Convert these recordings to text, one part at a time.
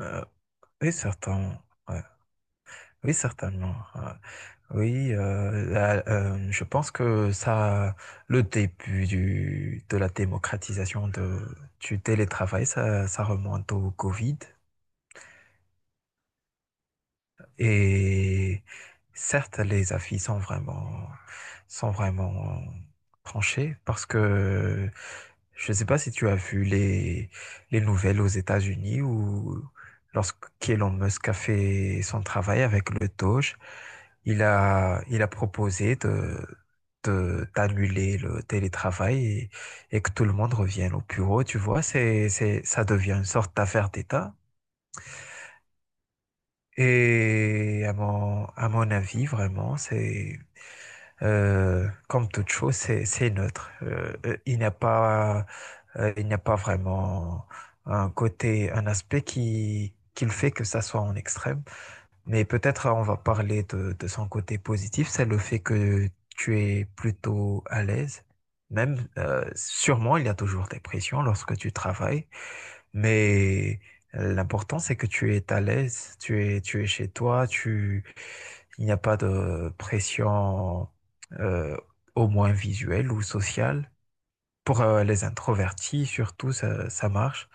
Euh, oui, certainement. Ouais. Oui, certainement. Ouais. Oui, je pense que le début de la démocratisation du télétravail, ça remonte au Covid. Et certes, les avis sont vraiment tranchés parce que je ne sais pas si tu as vu les nouvelles aux États-Unis où lorsque Elon Musk a fait son travail avec le Doge, il a proposé d'annuler le télétravail et que tout le monde revienne au bureau. Tu vois, ça devient une sorte d'affaire d'État. Et à mon avis, vraiment, c'est comme toute chose, c'est neutre. Il n'y a pas, il n'y a pas vraiment un aspect qui le fait que ça soit en extrême. Mais peut-être on va parler de son côté positif, c'est le fait que tu es plutôt à l'aise. Même, sûrement, il y a toujours des pressions lorsque tu travailles. Mais l'important, c'est que tu es à l'aise, tu es chez toi, il n'y a pas de pression, euh, au moins visuelle ou sociale. Pour les introvertis, surtout, ça marche.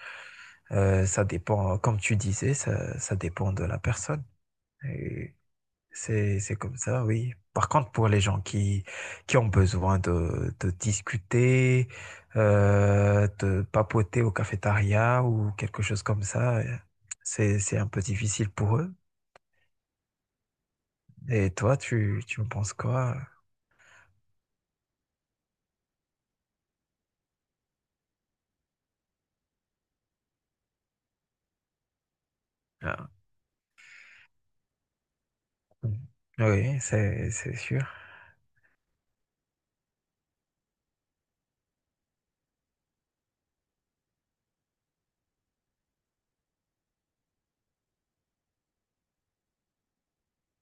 Ça dépend, comme tu disais, ça dépend de la personne. Et c'est comme ça, oui. Par contre, pour les gens qui ont besoin de discuter, de papoter au cafétéria ou quelque chose comme ça, c'est un peu difficile pour eux. Et toi, tu me penses quoi? Ah, mm. Oui, c'est sûr.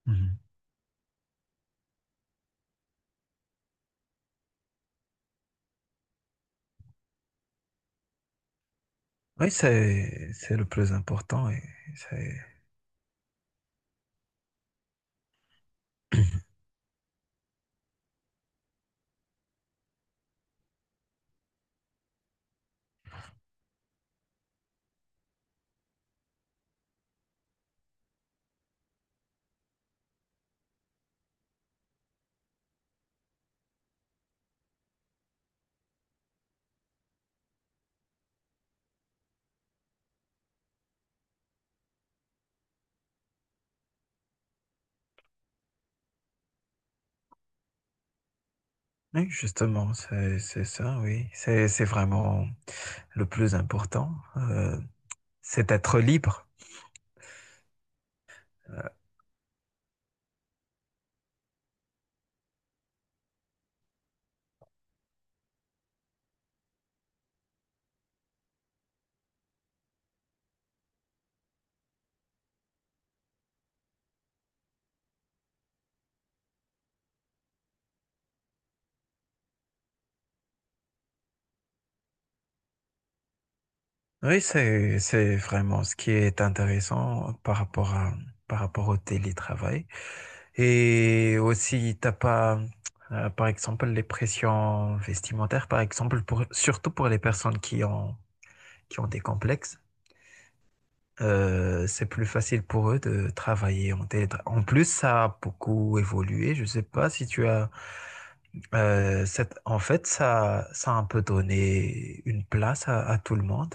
Mhm. Oui, c'est le plus important. Et c'est... Oui, justement, c'est ça, oui. C'est vraiment le plus important. C'est d'être libre. Oui, c'est vraiment ce qui est intéressant par rapport par rapport au télétravail. Et aussi, t'as pas, par exemple, les pressions vestimentaires, par exemple, surtout pour les personnes qui qui ont des complexes, c'est plus facile pour eux de travailler en télétravail. En plus, ça a beaucoup évolué. Je sais pas si tu as, en fait, ça a un peu donné une place à tout le monde.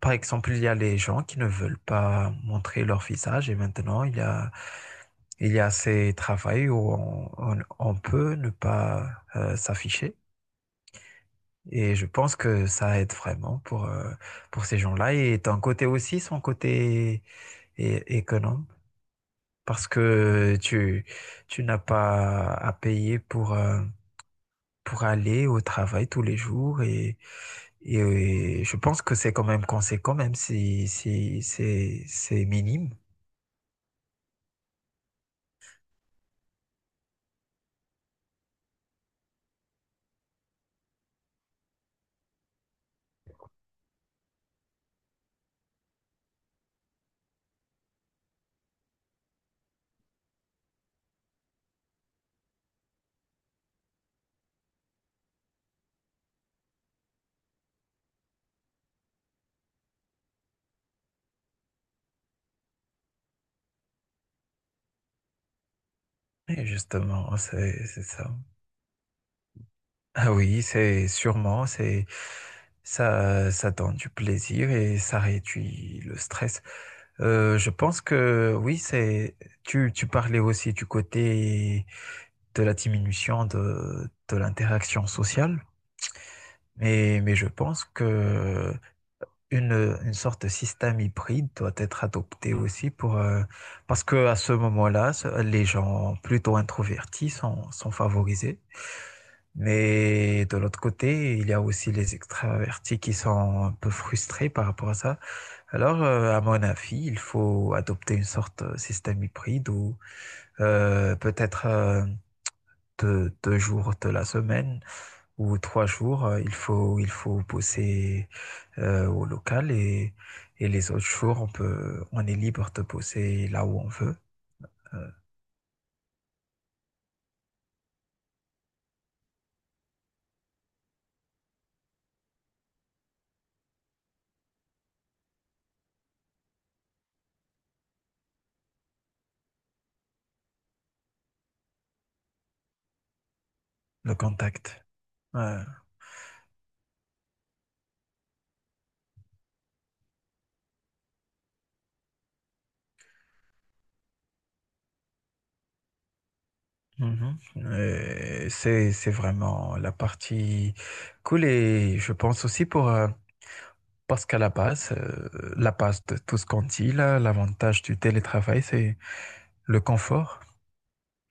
Par exemple, il y a les gens qui ne veulent pas montrer leur visage et maintenant il y a ces travails où on peut ne pas s'afficher. Et je pense que ça aide vraiment pour ces gens-là. Et d'un côté aussi, son côté économe, parce que tu n'as pas à payer pour aller au travail tous les jours et, je pense que c'est quand même conséquent, même si c'est minime. Et justement, c'est ça. Ah oui, c'est sûrement, c'est ça donne du plaisir et ça réduit le stress. Je pense que oui, c'est tu, tu parlais aussi du côté de la diminution de l'interaction sociale, mais je pense que une sorte de système hybride doit être adopté aussi pour, parce que à ce moment-là, les gens plutôt introvertis sont favorisés. Mais de l'autre côté, il y a aussi les extravertis qui sont un peu frustrés par rapport à ça. Alors, à mon avis, il faut adopter une sorte de système hybride où peut-être deux, deux jours de la semaine, ou trois jours, il faut bosser au local et les autres jours, on est libre de bosser là où on veut, le contact. Ouais. Mhm. C'est vraiment la partie cool et je pense aussi pour, parce qu'à la base de tout ce qu'on dit là, l'avantage du télétravail, c'est le confort.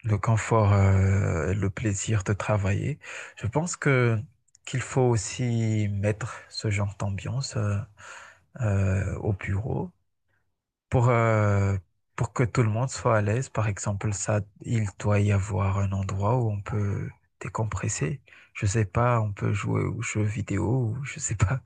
Le confort, le plaisir de travailler. Je pense que qu'il faut aussi mettre ce genre d'ambiance au bureau pour euh, pour que tout le monde soit à l'aise. Par exemple, ça, il doit y avoir un endroit où on peut décompresser. Je sais pas, on peut jouer aux jeux vidéo, ou je sais pas.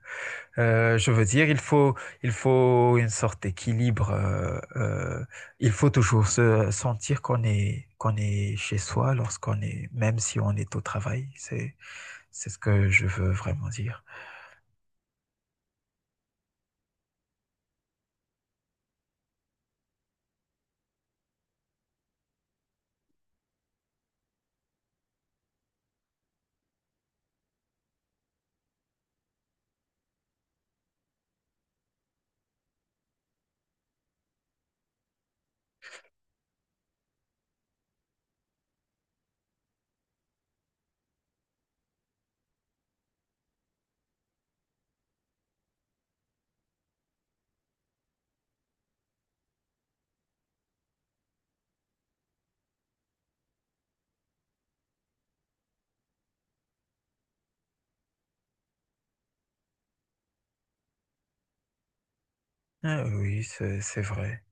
Je veux dire, il faut une sorte d'équilibre. Il faut toujours se sentir qu'on qu'on est chez soi lorsqu'on est, même si on est au travail. C'est ce que je veux vraiment dire. Ah oui, c'est vrai.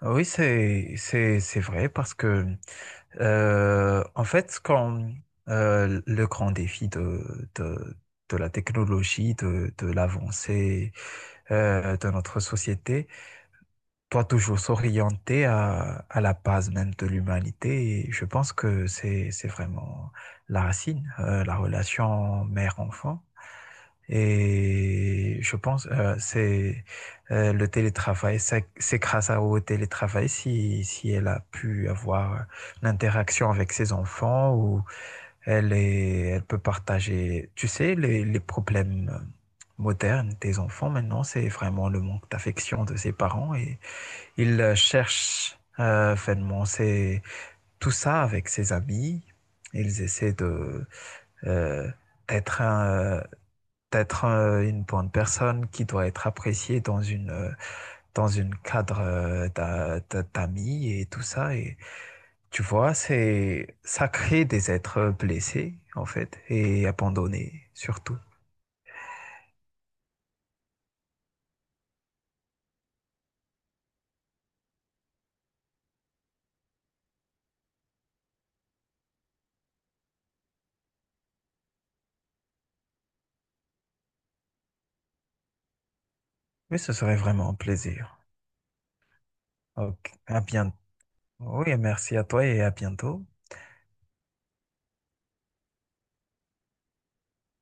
Ah oui, c'est vrai parce que, en fait, quand le grand défi de la technologie, de l'avancée de notre société, toi, toujours s'orienter à la base même de l'humanité, et je pense que c'est vraiment la racine, la relation mère-enfant. Et je pense c'est le télétravail, c'est grâce à- au télétravail si elle a pu avoir l'interaction avec ses enfants ou elle peut partager, tu sais, les problèmes modernes des enfants maintenant, c'est vraiment le manque d'affection de ses parents et ils cherchent finalement c'est tout ça avec ses amis. Ils essaient de euh, d'être un- euh, d'être une bonne personne qui doit être appréciée dans une cadre d'amis et tout ça et tu vois c'est ça crée des êtres blessés en fait et abandonnés surtout. Oui, ce serait vraiment un plaisir. Ok, à bientôt. Oui, merci à toi et à bientôt.